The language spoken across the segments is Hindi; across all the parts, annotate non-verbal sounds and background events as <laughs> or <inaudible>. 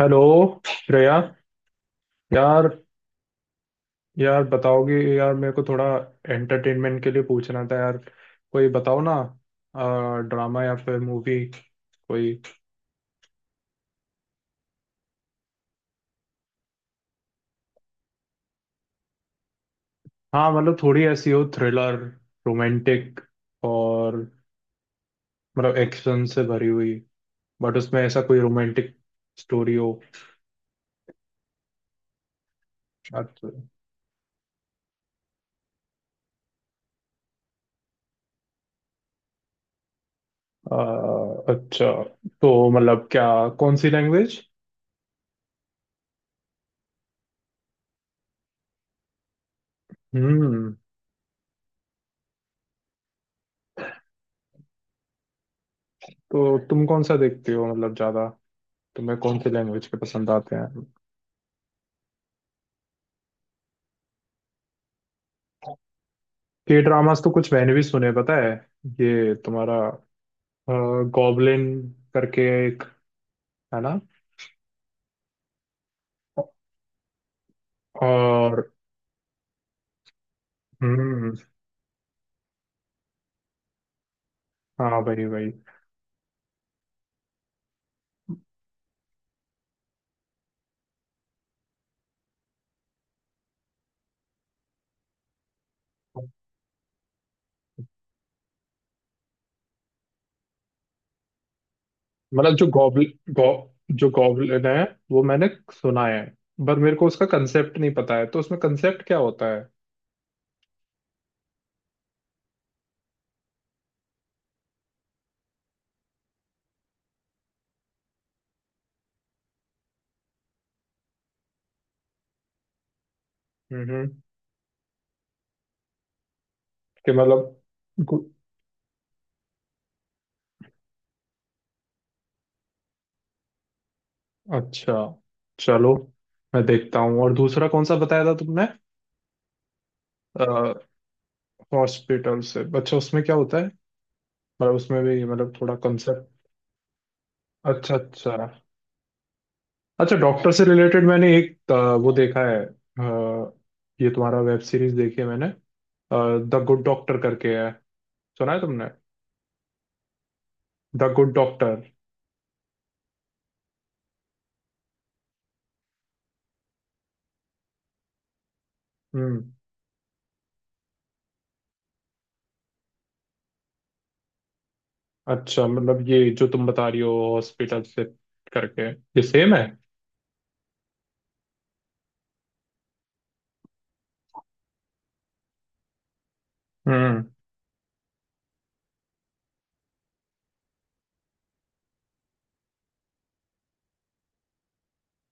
हेलो श्रेया यार। यार बताओगी यार मेरे को थोड़ा एंटरटेनमेंट के लिए पूछना था यार। कोई बताओ ना। ड्रामा या फिर मूवी कोई। हाँ मतलब थोड़ी ऐसी हो थ्रिलर रोमांटिक और मतलब एक्शन से भरी हुई बट उसमें ऐसा कोई रोमांटिक स्टोरी हो। अच्छा। अ, अच्छा तो मतलब क्या कौन सी लैंग्वेज। हम्म। तो तुम कौन सा देखते हो मतलब ज्यादा। तुम्हें कौन सी लैंग्वेज के पसंद आते हैं? के ड्रामास तो कुछ मैंने भी सुने पता है। ये तुम्हारा गॉबलिन करके एक है ना। और। हम्म। हाँ भाई भाई। मतलब जो गॉबलिन जो गॉबलिन है वो मैंने सुना है पर मेरे को उसका कंसेप्ट नहीं पता है तो उसमें कंसेप्ट क्या होता है? हम्म। कि मतलब गु- अच्छा। चलो मैं देखता हूँ और दूसरा कौन सा बताया था तुमने। हॉस्पिटल से अच्छा उसमें क्या होता है? मतलब उसमें भी मतलब थोड़ा कंसेप्ट। अच्छा अच्छा। अच्छा डॉक्टर से रिलेटेड मैंने एक वो देखा है ये तुम्हारा वेब सीरीज देखी है मैंने। द गुड डॉक्टर करके है। सुना है तुमने? The good doctor. हम्म। अच्छा मतलब ये जो तुम बता रही हो हॉस्पिटल से करके ये सेम है। हम्म।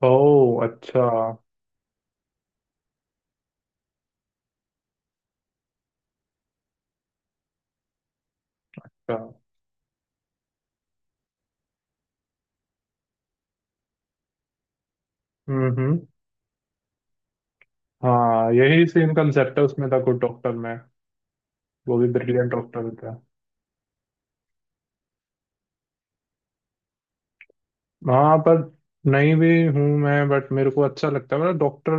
ओह अच्छा। अच्छा। हम्म। हाँ यही सेम कंसेप्ट है उसमें द गुड डॉक्टर में। वो भी ब्रिलियंट डॉक्टर होता है। हाँ पर नहीं भी हूँ मैं बट मेरे को अच्छा लगता है मतलब डॉक्टर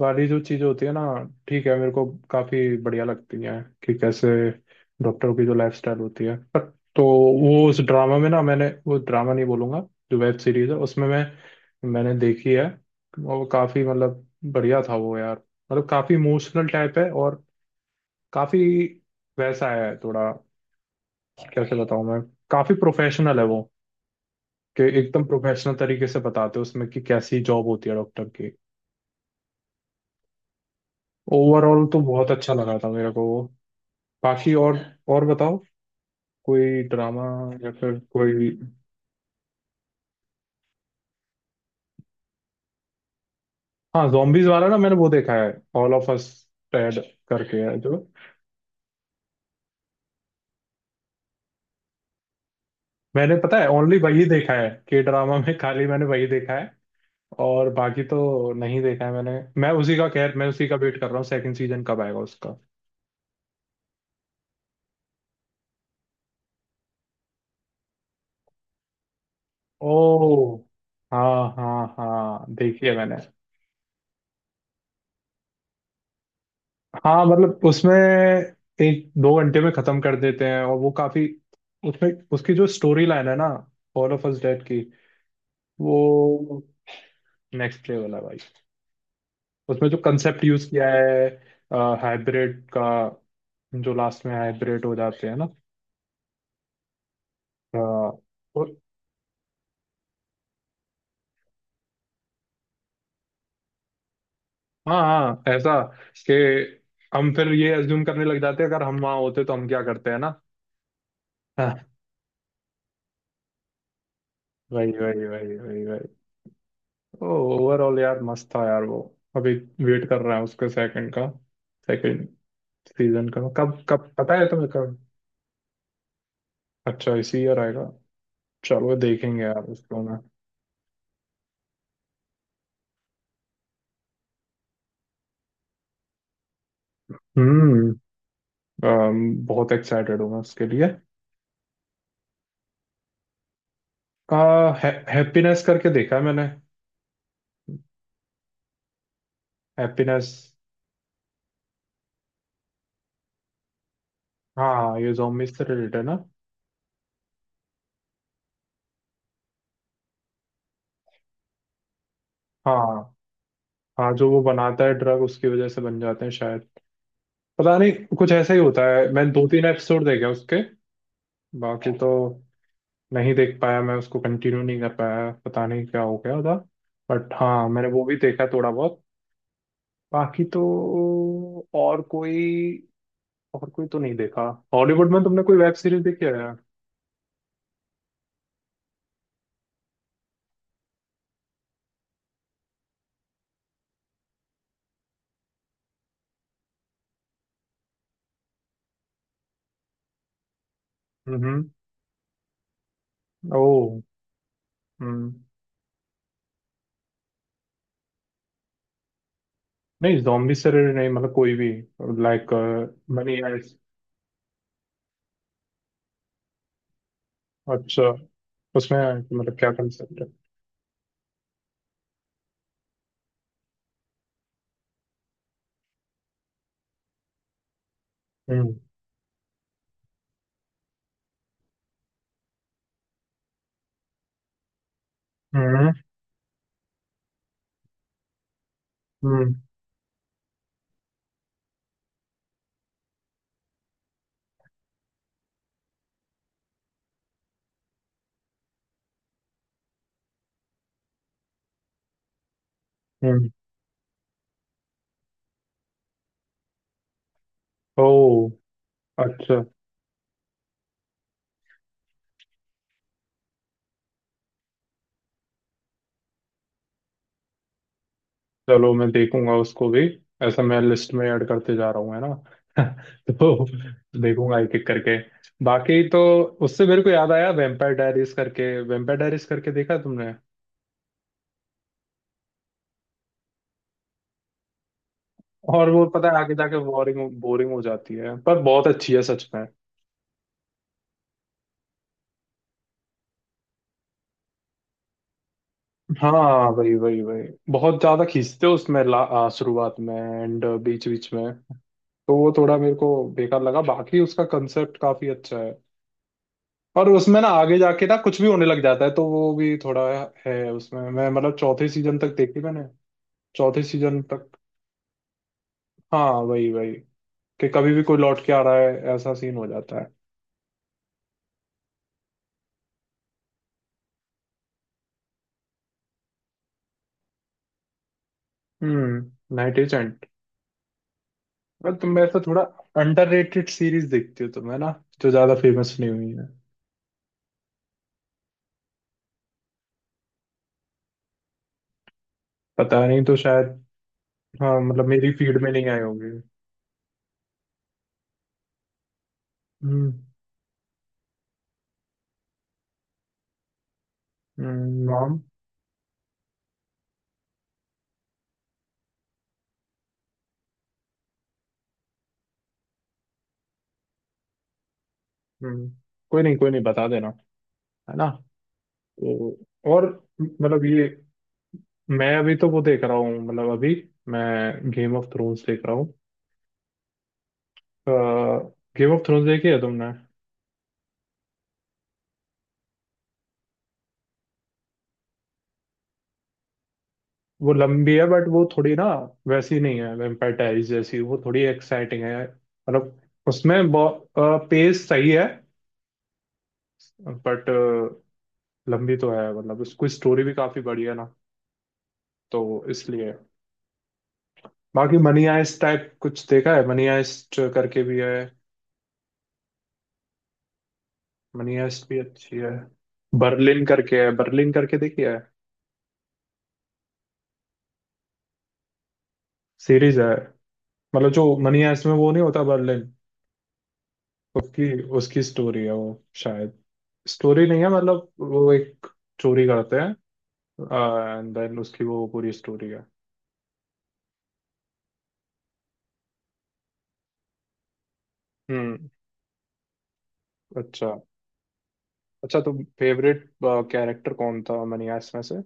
वाली जो चीज़ होती है ना। ठीक है मेरे को काफ़ी बढ़िया लगती है कि कैसे डॉक्टरों की जो लाइफस्टाइल होती है पर। तो वो उस ड्रामा में ना मैंने वो ड्रामा नहीं बोलूँगा जो वेब सीरीज है उसमें मैंने देखी है। और वो काफ़ी मतलब बढ़िया था वो यार। मतलब काफ़ी इमोशनल टाइप है और काफ़ी वैसा है थोड़ा कैसे बताऊँ मैं। काफ़ी प्रोफेशनल है वो कि एकदम प्रोफेशनल तरीके से बताते हो उसमें कि कैसी जॉब होती है डॉक्टर की। ओवरऑल तो बहुत अच्छा लगा था मेरे को वो। बाकी और बताओ कोई ड्रामा या फिर कोई। हाँ जॉम्बीज वाला ना मैंने वो देखा है। ऑल ऑफ अस डेड करके है जो मैंने पता है ओनली वही देखा है के ड्रामा में खाली मैंने वही देखा है। और बाकी तो नहीं देखा है मैंने। मैं उसी का खैर मैं उसी का वेट कर रहा हूँ सेकंड सीजन कब आएगा उसका। ओ हाँ हाँ हाँ देखी है मैंने। हाँ मतलब उसमें एक दो घंटे में खत्म कर देते हैं और वो काफी। उसमें उसकी जो स्टोरी लाइन है ना ऑल ऑफ अस डेड की। वो नेक्स्ट लेवल है भाई। उसमें जो कंसेप्ट यूज किया है हाइब्रिड का जो लास्ट में हाइब्रिड हो जाते हैं ना। अ, और हाँ हाँ ऐसा कि हम फिर ये अज्यूम करने लग जाते हैं अगर हम वहाँ होते तो हम क्या करते हैं ना <laughs> हाँ, वही वही वही वही वही। ओवरऑल यार मस्त था यार वो। अभी वेट कर रहा है उसके सेकंड सीजन का कब कब पता है तुम्हें कब। अच्छा इसी ईयर आएगा। चलो देखेंगे यार उसको मैं। हम्म। बहुत एक्साइटेड हूँ मैं उसके लिए। का है, हैप्पीनेस करके देखा है मैंने। हैप्पीनेस। हाँ ये zombies से रिलेटेड है ना। हाँ हाँ जो वो बनाता है ड्रग उसकी वजह से बन जाते हैं शायद। पता नहीं। कुछ ऐसा ही होता है मैं दो तीन एपिसोड देखे उसके। बाकी तो नहीं देख पाया मैं उसको कंटिन्यू नहीं कर पाया पता नहीं क्या हो गया था। बट हाँ मैंने वो भी देखा थोड़ा बहुत। बाकी तो और कोई और कोई तो नहीं देखा। हॉलीवुड में तुमने कोई वेब सीरीज देखी है? हम्म। ओ। हम्म। नहीं जॉम्बी से related नहीं मतलब कोई भी। लाइक। Money heist. अच्छा उसमें मतलब क्या कंसेप्ट है? हम्म हम्म हम्म हम्म। ओ अच्छा। चलो मैं देखूंगा उसको भी। ऐसा मैं लिस्ट में ऐड करते जा रहा हूँ है ना <laughs> तो देखूंगा एक एक करके। बाकी तो उससे मेरे को याद आया वेम्पायर डायरीज करके देखा है तुमने। और वो पता है आगे जाके बोरिंग बोरिंग हो जाती है पर बहुत अच्छी है सच में। हाँ वही वही वही। बहुत ज्यादा खींचते हो उसमें शुरुआत में एंड बीच बीच में तो वो थोड़ा मेरे को बेकार लगा बाकी उसका कंसेप्ट काफी अच्छा है। और उसमें ना आगे जाके ना कुछ भी होने लग जाता है तो वो भी थोड़ा है उसमें मैं मतलब चौथे सीजन तक देखी मैंने। चौथे सीजन तक। हाँ वही वही। कि कभी भी कोई लौट के आ रहा है ऐसा सीन हो जाता है। Night agent. पर तुम ऐसा थोड़ा अंडररेटेड सीरीज देखती हो तुम है ना जो ज्यादा फेमस नहीं हुई है। पता नहीं तो शायद। हाँ मतलब मेरी फील्ड में नहीं आए होंगे। हम्म। नाम। हम्म। कोई नहीं बता देना। है ना। तो। और मतलब ये मैं अभी तो वो देख रहा हूँ मतलब अभी मैं गेम ऑफ थ्रोन्स देख रहा हूँ। गेम ऑफ थ्रोन्स देखी है तुमने? वो लंबी है बट वो थोड़ी ना वैसी नहीं है वैम्पायर डायरीज जैसी वो थोड़ी एक्साइटिंग है मतलब उसमें पेस सही है बट लंबी तो है मतलब उसकी स्टोरी भी काफी बड़ी है ना तो इसलिए। बाकी मनी हाइस्ट टाइप कुछ देखा है मनी हाइस्ट करके भी है। मनी हाइस्ट भी अच्छी है। बर्लिन करके देखी है। सीरीज है मतलब जो मनी हाइस्ट में वो नहीं होता बर्लिन उसकी उसकी स्टोरी है वो शायद स्टोरी नहीं है मतलब वो एक चोरी करते हैं एंड देन उसकी वो पूरी स्टोरी है। हम्म। अच्छा अच्छा तो फेवरेट कैरेक्टर कौन था मनी हाइस्ट में से?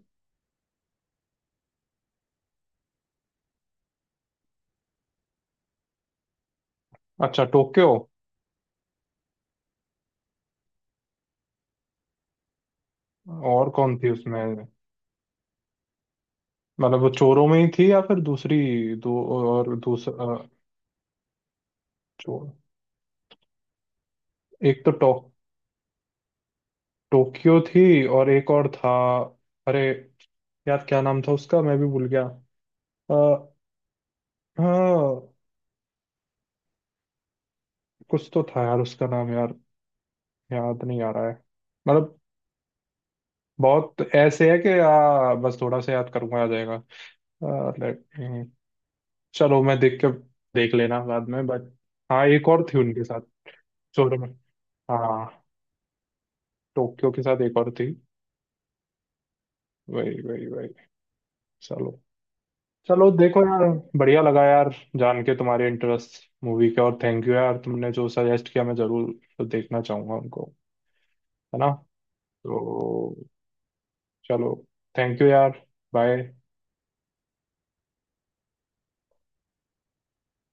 अच्छा टोक्यो। और कौन थी उसमें? मतलब वो चोरों में ही थी या फिर दूसरी दो और दूसरा चोर। एक तो टोक्यो थी और एक और था। अरे यार क्या नाम था उसका मैं भी भूल गया। आ, हाँ कुछ तो था यार उसका नाम यार याद नहीं आ रहा है। मतलब बहुत ऐसे है कि बस थोड़ा सा याद करूंगा आ जाएगा। आ, let me- चलो मैं देख के देख लेना बाद में बट। हाँ एक और थी उनके साथ शोरूम में। हाँ टोक्यो के साथ एक और थी। वही वही वही। चलो। चलो देखो यार। बढ़िया लगा यार जान के तुम्हारे इंटरेस्ट मूवी के और थैंक यू यार तुमने जो सजेस्ट किया मैं जरूर देखना चाहूंगा उनको। है ना। तो। चलो। थैंक यू यार। बाय।